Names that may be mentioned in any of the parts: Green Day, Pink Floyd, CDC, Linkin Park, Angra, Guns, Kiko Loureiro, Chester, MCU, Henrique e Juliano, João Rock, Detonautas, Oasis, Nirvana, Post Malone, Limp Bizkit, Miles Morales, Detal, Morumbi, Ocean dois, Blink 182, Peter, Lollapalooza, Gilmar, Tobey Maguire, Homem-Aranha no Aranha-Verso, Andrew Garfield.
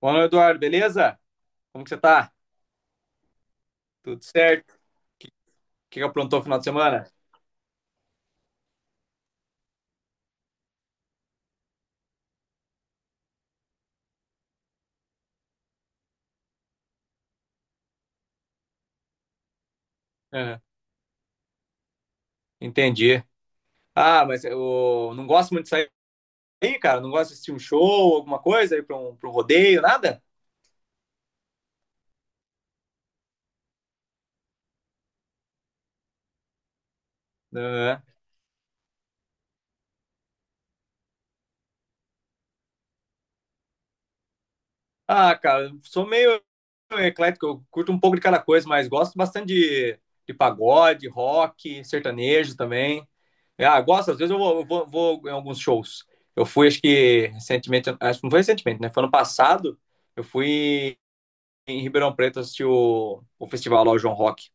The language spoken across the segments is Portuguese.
Fala, Eduardo, beleza? Como que você tá? Tudo certo? O que, que aprontou no final de semana? Aham. Entendi. Ah, mas eu não gosto muito de sair, cara. Não gosto de assistir um show, alguma coisa, ir pra um rodeio, nada? Aham. Ah, cara, eu sou meio eclético. Eu curto um pouco de cada coisa, mas gosto bastante de pagode, rock, sertanejo também. Ah, gosto. Às vezes vou em alguns shows. Eu fui, acho que recentemente, acho que não foi recentemente, né? Foi ano passado. Eu fui em Ribeirão Preto assistir o festival lá, o João Rock.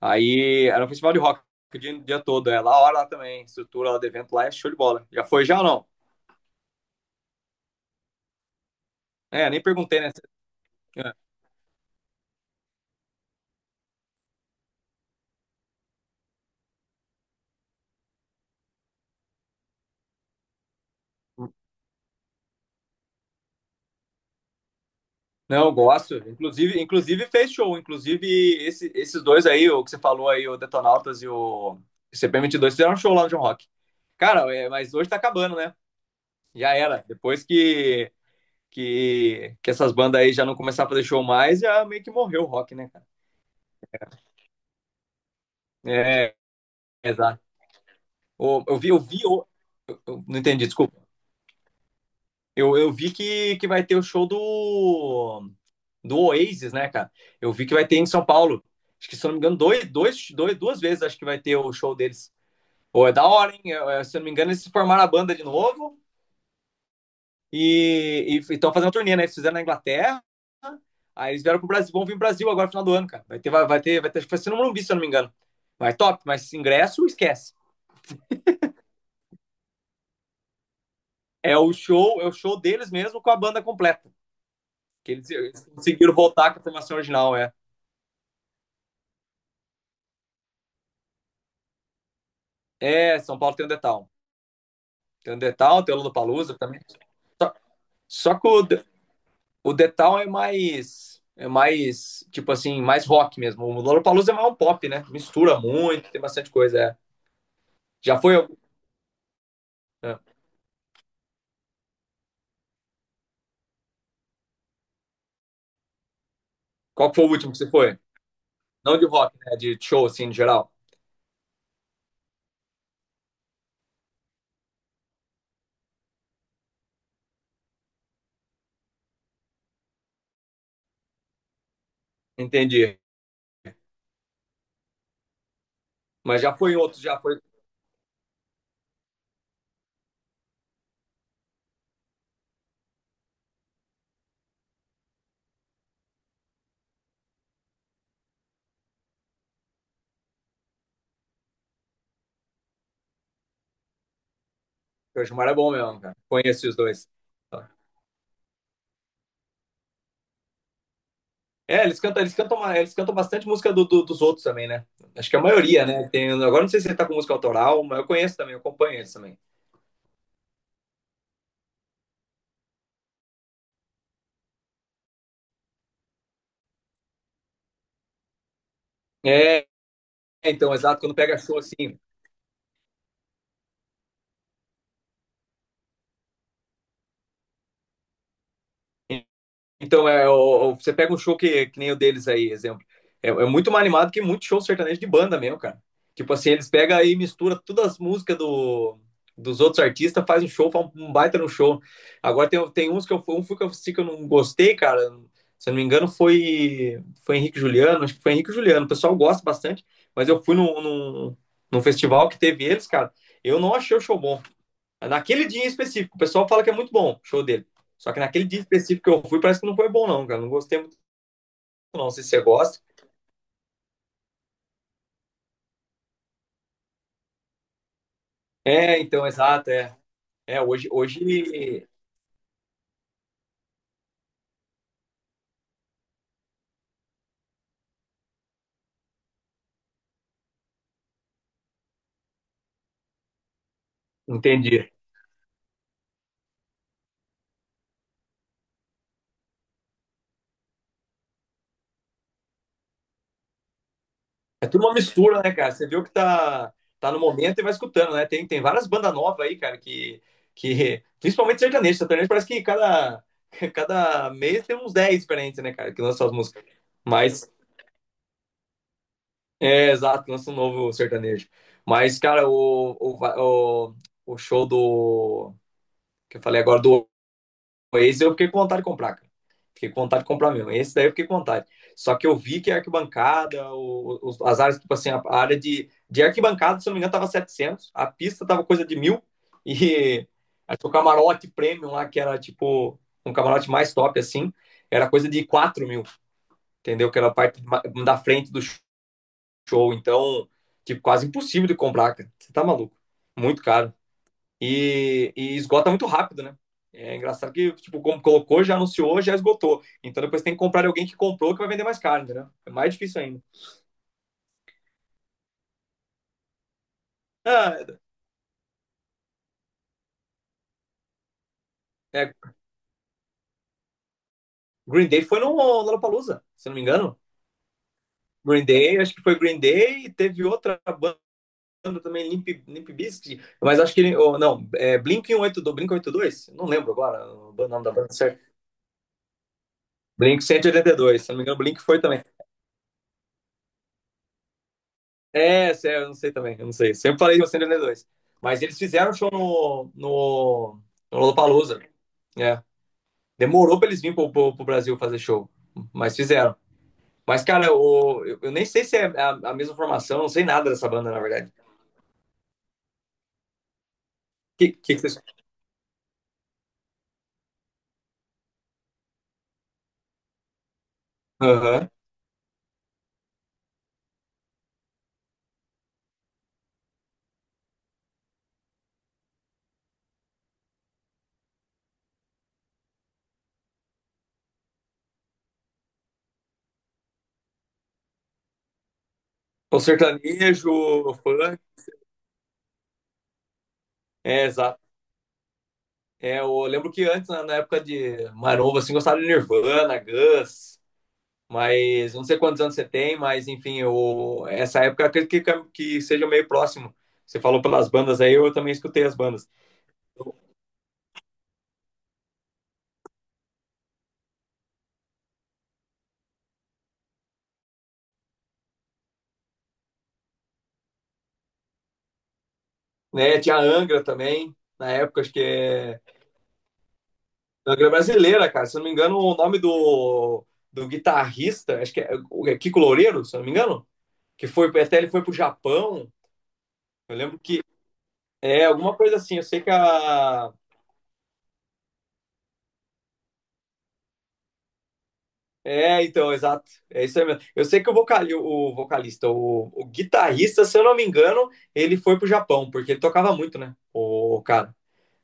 Aí era um festival de rock o dia todo. É lá, a hora lá também. Estrutura lá do evento lá é show de bola. Já foi já ou não? É, nem perguntei, né? Não, eu gosto. Inclusive, fez show. Inclusive, esses dois aí, o que você falou aí, o Detonautas e o cp dois fizeram um show lá no John Rock. Cara, é, mas hoje tá acabando, né? Já era. Depois que essas bandas aí já não começaram a fazer show mais, já meio que morreu o rock, né, cara? É, exato. Ô, eu vi, eu- não entendi, desculpa. Eu vi que vai ter o show do Oasis, né, cara? Eu vi que vai ter em São Paulo. Acho que, se eu não me engano, duas vezes acho que vai ter o show deles. Ou é da hora, hein? Se eu não me engano, eles formaram a banda de novo e estão fazendo uma turnê, né? Eles fizeram na Inglaterra, aí eles vieram pro Brasil, vão vir pro Brasil agora no final do ano, cara. Vai ter, acho que vai ser no Morumbi, se eu não me engano. Mas top, mas ingresso, esquece. É o show deles mesmo com a banda completa. Que eles conseguiram voltar com a formação original, é. É, São Paulo tem o Detal. Tem o Detal, tem o Lollapalooza também. Só, só que o Detal É mais, tipo assim, mais rock mesmo. O Lollapalooza é mais um pop, né? Mistura muito, tem bastante coisa, é. Já foi algum? É. Qual que foi o último que você foi? Não de rock, né? De show, assim, em geral. Entendi. Mas já foi em outro, já foi. O Gilmar é bom mesmo, cara. Conheci os dois. Tá. É, eles cantam bastante música dos outros também, né? Acho que a maioria, né? Tem, agora não sei se ele tá com música autoral, mas eu conheço também, eu acompanho eles também. É, então, exato, quando pega show assim. Então, é, você pega um show que nem o deles aí, exemplo. É muito mais animado que muito show sertanejo de banda mesmo, cara. Tipo assim, eles pegam aí e misturam todas as músicas dos outros artistas, faz um show, faz um baita no show. Agora tem uns que um fui que eu, assisti que eu não gostei, cara. Se eu não me engano, foi Henrique e Juliano. Acho que foi Henrique e Juliano. O pessoal gosta bastante, mas eu fui num festival que teve eles, cara. Eu não achei o show bom. Naquele dia em específico, o pessoal fala que é muito bom show dele. Só que naquele dia específico que eu fui, parece que não foi bom, não, cara. Não gostei muito, não. Se você gosta. É, então, exato, é. É, hoje, hoje. Entendi. É tudo uma mistura, né, cara? Você viu que tá no momento e vai escutando, né? Tem várias bandas novas aí, cara, que. Que principalmente sertanejo. Sertanejo parece que cada, cada mês tem uns 10 diferentes, né, cara, que lançam as músicas. Mas é, exato, lança um novo sertanejo. Mas, cara, o show do, que eu falei agora do Oasis, eu fiquei com vontade de comprar, cara. Fiquei com vontade de comprar mesmo. Esse daí eu fiquei com vontade. Só que eu vi que a arquibancada, as áreas, tipo assim, a área de arquibancada, se eu não me engano, tava 700, a pista tava coisa de 1.000, e acho que o camarote premium lá, que era tipo um camarote mais top, assim, era coisa de 4.000, entendeu? Que era a parte da frente do show. Então, tipo, quase impossível de comprar, cara. Você tá maluco. Muito caro. E esgota muito rápido, né? É engraçado que, tipo, como colocou, já anunciou, já esgotou. Então depois tem que comprar de alguém que comprou que vai vender mais caro, entendeu? É mais difícil ainda. Ah, é, Green Day foi no Lollapalooza, se não me engano. Green Day, acho que foi Green Day e teve outra banda também, Limp Bizkit, mas acho que, oh, não, é Blink 182, Blink 182. Não lembro agora o nome da banda certo. Blink cento e oitenta e dois se não me engano, Blink foi também. É, sério, eu não sei também, eu não sei. Sempre falei de Ocean dois. Mas eles fizeram show no Lollapalooza. É. Demorou pra eles virem pro Brasil fazer show, mas fizeram. Mas, cara, eu nem sei se é a mesma formação, eu não sei nada dessa banda, na verdade. Que, vocês. Aham. O sertanejo, o funk. É, exato. É, eu lembro que antes, na época de Maromba, assim, gostava de Nirvana, Guns. Mas não sei quantos anos você tem, mas enfim, essa época eu acredito que seja meio próximo. Você falou pelas bandas aí, eu também escutei as bandas. Né? Tinha a Angra também, na época, acho que é. Angra brasileira, cara. Se eu não me engano, o nome do guitarrista, acho que é, é Kiko Loureiro, se eu não me engano, que foi até ele foi pro Japão. Eu lembro que é alguma coisa assim. Eu sei que a. É, então, exato. É isso aí mesmo. Eu sei que o vocalista, o guitarrista, se eu não me engano, ele foi pro Japão, porque ele tocava muito, né? O cara.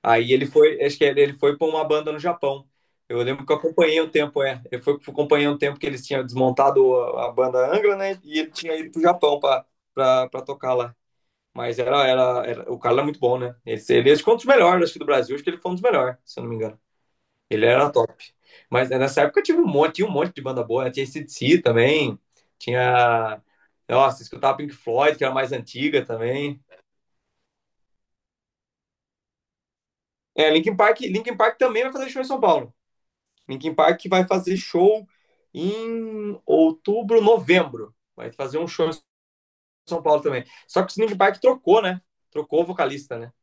Aí ele foi, acho que ele foi pra uma banda no Japão. Eu lembro que eu acompanhei um tempo, é. Eu fui, acompanhei um tempo que eles tinham desmontado a banda Angra, né? E ele tinha ido pro Japão pra tocar lá. Mas era, o cara era muito bom, né? Acho que foi um dos melhores, acho que do Brasil, acho que ele foi um dos melhores, se eu não me engano. Ele era top. Mas né, nessa época eu tive um monte, tinha um monte de banda boa, né? Tinha CDC também. Tinha. Nossa, escutava Pink Floyd, que era mais antiga também. É, Linkin Park, Linkin Park também vai fazer show em São Paulo. Linkin Park vai fazer show em outubro, novembro. Vai fazer um show em São Paulo também. Só que o Linkin Park trocou, né? Trocou o vocalista, né?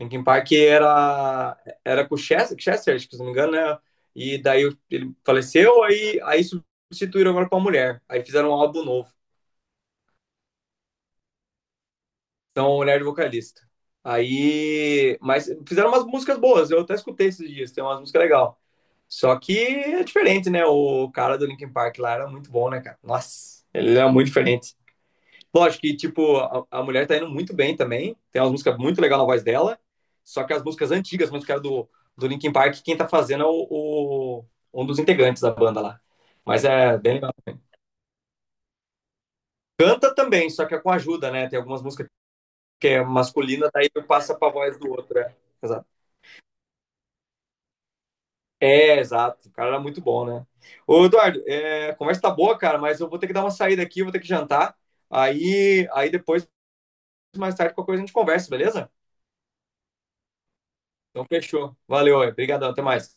Linkin Park era com o Chester, acho que se não me engano, né? E daí ele faleceu, aí substituíram agora com a mulher. Aí fizeram um álbum novo. Então, mulher de vocalista. Aí. Mas fizeram umas músicas boas, eu até escutei esses dias, tem umas músicas legais. Só que é diferente, né? O cara do Linkin Park lá era muito bom, né, cara? Nossa, ele era muito diferente. Lógico que, tipo, a mulher tá indo muito bem também. Tem umas músicas muito legais na voz dela. Só que as músicas antigas, as músicas do Linkin Park, quem tá fazendo é o- um dos integrantes da banda lá. Mas é bem legal. Canta também, só que é com ajuda, né? Tem algumas músicas que é masculina, daí tu passa pra voz do outro. É, exato. É, exato. O cara era muito bom, né? Ô, Eduardo, é, a conversa tá boa, cara, mas eu vou ter que dar uma saída aqui, eu vou ter que jantar. Aí depois, mais tarde, qualquer coisa a gente conversa, beleza? Então, fechou. Valeu, obrigadão, até mais.